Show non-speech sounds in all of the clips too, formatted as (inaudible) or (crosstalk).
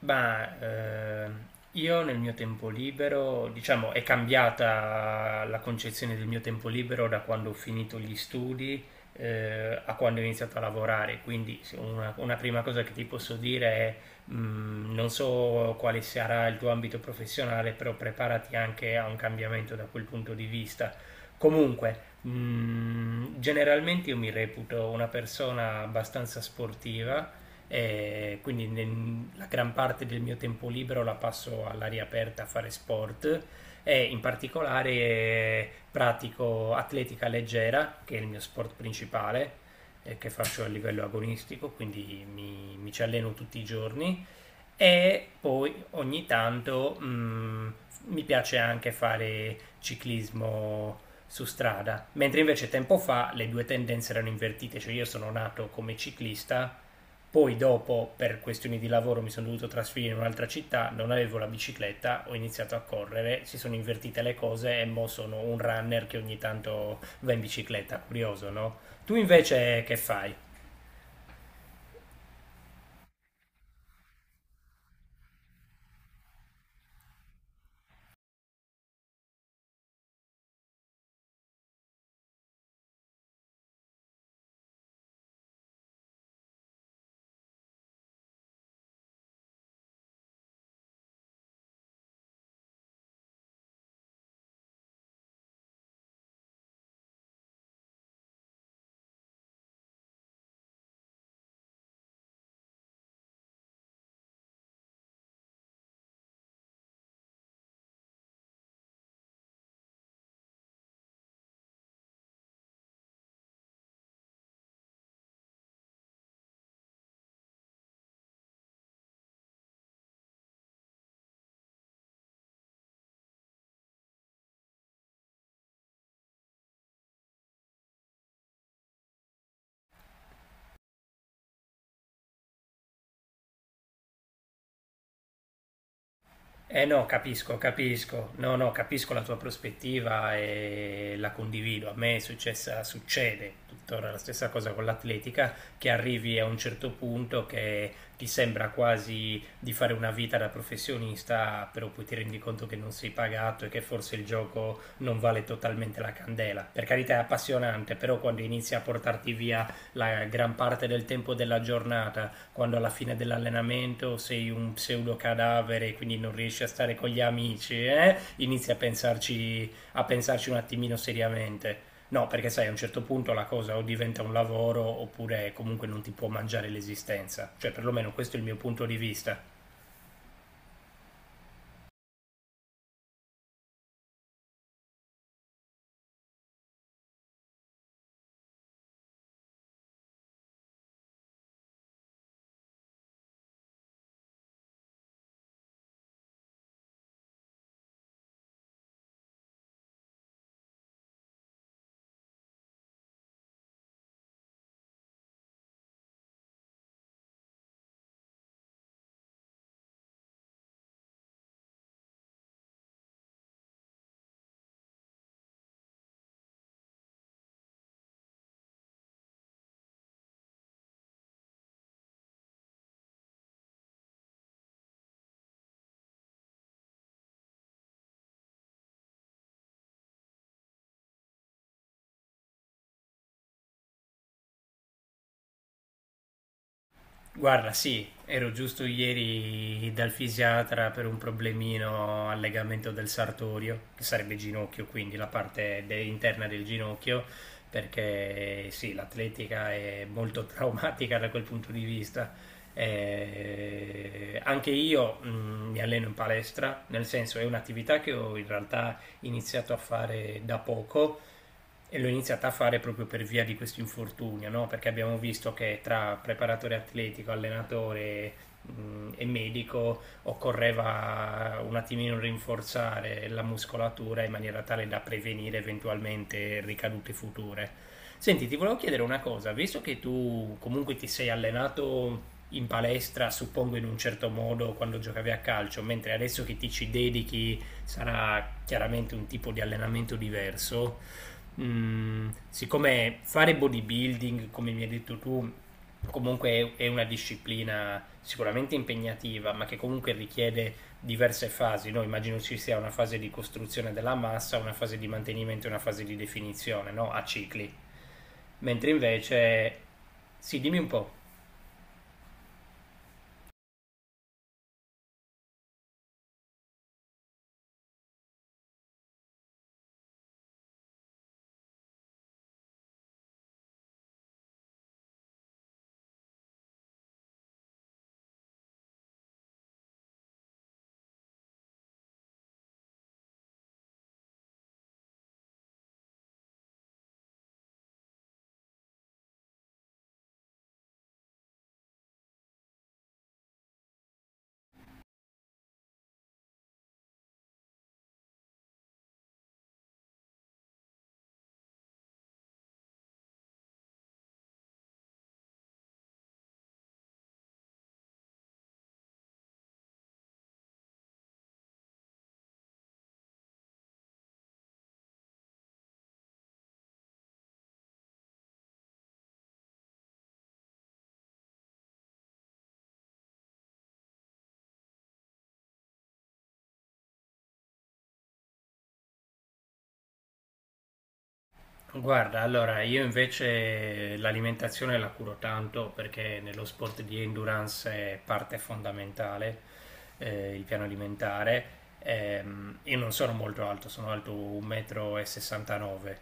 Ma io nel mio tempo libero, diciamo, è cambiata la concezione del mio tempo libero da quando ho finito gli studi, a quando ho iniziato a lavorare. Quindi se una prima cosa che ti posso dire è, non so quale sarà il tuo ambito professionale, però preparati anche a un cambiamento da quel punto di vista. Comunque, generalmente io mi reputo una persona abbastanza sportiva, quindi la gran parte del mio tempo libero la passo all'aria aperta a fare sport e in particolare pratico atletica leggera, che è il mio sport principale, che faccio a livello agonistico, quindi mi ci alleno tutti i giorni e poi ogni tanto mi piace anche fare ciclismo su strada, mentre invece tempo fa le due tendenze erano invertite, cioè io sono nato come ciclista, poi dopo per questioni di lavoro mi sono dovuto trasferire in un'altra città, non avevo la bicicletta, ho iniziato a correre, si sono invertite le cose e mo sono un runner che ogni tanto va in bicicletta, curioso, no? Tu invece che fai? Eh no, capisco, capisco. No, no, capisco la tua prospettiva e la condivido. A me è successa, succede tuttora la stessa cosa con l'atletica, che arrivi a un certo punto che ti sembra quasi di fare una vita da professionista, però poi ti rendi conto che non sei pagato e che forse il gioco non vale totalmente la candela. Per carità è appassionante, però quando inizi a portarti via la gran parte del tempo della giornata, quando alla fine dell'allenamento sei un pseudo cadavere e quindi non riesci a stare con gli amici, eh? Inizi a pensarci un attimino seriamente. No, perché sai, a un certo punto la cosa o diventa un lavoro oppure comunque non ti può mangiare l'esistenza. Cioè, perlomeno questo è il mio punto di vista. Guarda, sì, ero giusto ieri dal fisiatra per un problemino al legamento del sartorio, che sarebbe ginocchio, quindi la parte interna del ginocchio, perché sì, l'atletica è molto (laughs) traumatica da quel punto di vista. Anche io mi alleno in palestra, nel senso è un'attività che ho in realtà iniziato a fare da poco e l'ho iniziata a fare proprio per via di questo infortunio, no? Perché abbiamo visto che tra preparatore atletico, allenatore, e medico occorreva un attimino rinforzare la muscolatura in maniera tale da prevenire eventualmente ricadute future. Senti, ti volevo chiedere una cosa, visto che tu comunque ti sei allenato in palestra, suppongo in un certo modo quando giocavi a calcio, mentre adesso che ti ci dedichi sarà chiaramente un tipo di allenamento diverso. Siccome fare bodybuilding, come mi hai detto tu, comunque è una disciplina sicuramente impegnativa, ma che comunque richiede diverse fasi, no? Immagino ci sia una fase di costruzione della massa, una fase di mantenimento e una fase di definizione, no? A cicli. Mentre invece, sì, dimmi un po'. Guarda, allora io invece l'alimentazione la curo tanto perché nello sport di endurance è parte fondamentale, il piano alimentare. Io non sono molto alto, sono alto 1,69 m,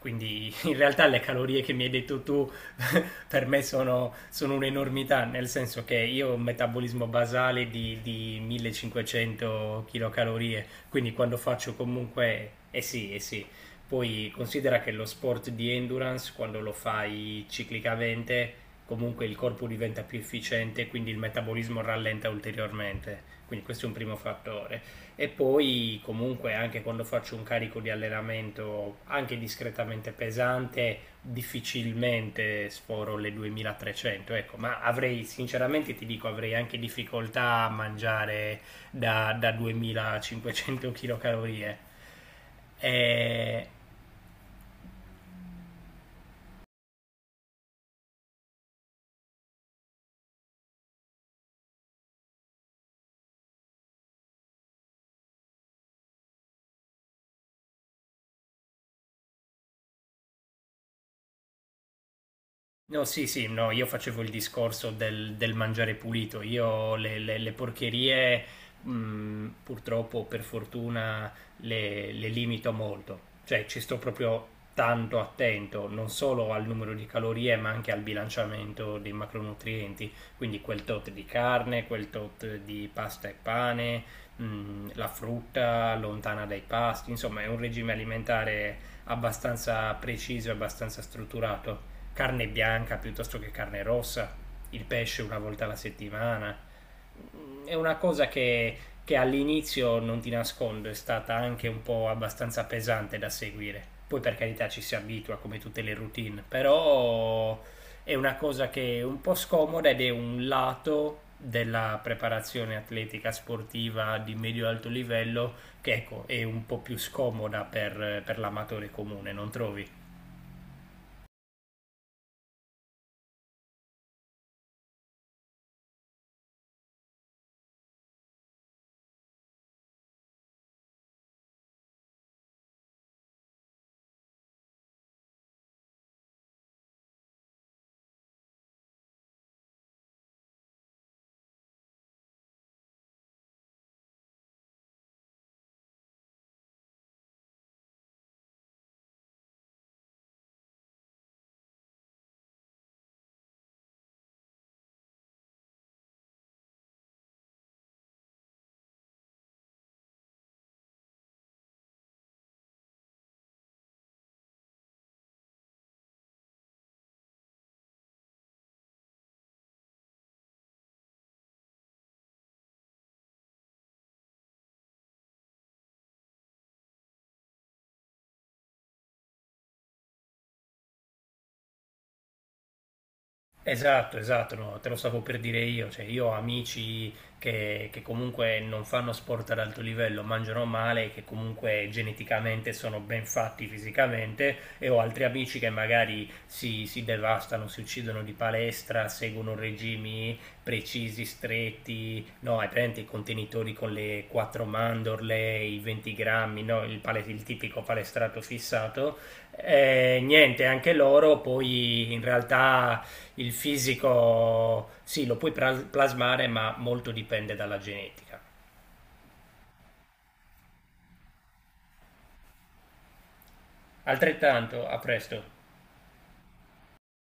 quindi (laughs) in realtà le calorie che mi hai detto tu (laughs) per me sono un'enormità, nel senso che io ho un metabolismo basale di 1500 kcal, quindi quando faccio comunque, eh sì, poi considera che lo sport di endurance, quando lo fai ciclicamente, comunque il corpo diventa più efficiente, quindi il metabolismo rallenta ulteriormente. Quindi questo è un primo fattore. E poi comunque anche quando faccio un carico di allenamento anche discretamente pesante, difficilmente sforo le 2300, ecco, ma avrei, sinceramente ti dico, avrei anche difficoltà a mangiare da 2500 kcal. E (laughs) no, sì, sì, no, io facevo il discorso del mangiare pulito. Io le porcherie, purtroppo, per fortuna, le limito molto. Cioè, ci sto proprio tanto attento, non solo al numero di calorie, ma anche al bilanciamento dei macronutrienti. Quindi quel tot di carne, quel tot di pasta e pane, la frutta lontana dai pasti. Insomma, è un regime alimentare abbastanza preciso e abbastanza strutturato, carne bianca piuttosto che carne rossa, il pesce una volta alla settimana. È una cosa che all'inizio, non ti nascondo, è stata anche un po' abbastanza pesante da seguire. Poi per carità ci si abitua come tutte le routine, però è una cosa che è un po' scomoda ed è un lato della preparazione atletica sportiva di medio-alto livello che, ecco, è un po' più scomoda per l'amatore comune, non trovi? Esatto, esatto, no, te lo stavo per dire io, cioè io ho amici che comunque non fanno sport ad alto livello, mangiano male, che comunque geneticamente sono ben fatti fisicamente e ho altri amici che magari si devastano, si uccidono di palestra, seguono regimi precisi, stretti, no, hai presente i contenitori con le 4 mandorle, i 20 grammi, no, il tipico palestrato fissato. Niente, anche loro poi in realtà il fisico sì, lo puoi plasmare, ma molto dipende dalla genetica. Altrettanto, a presto.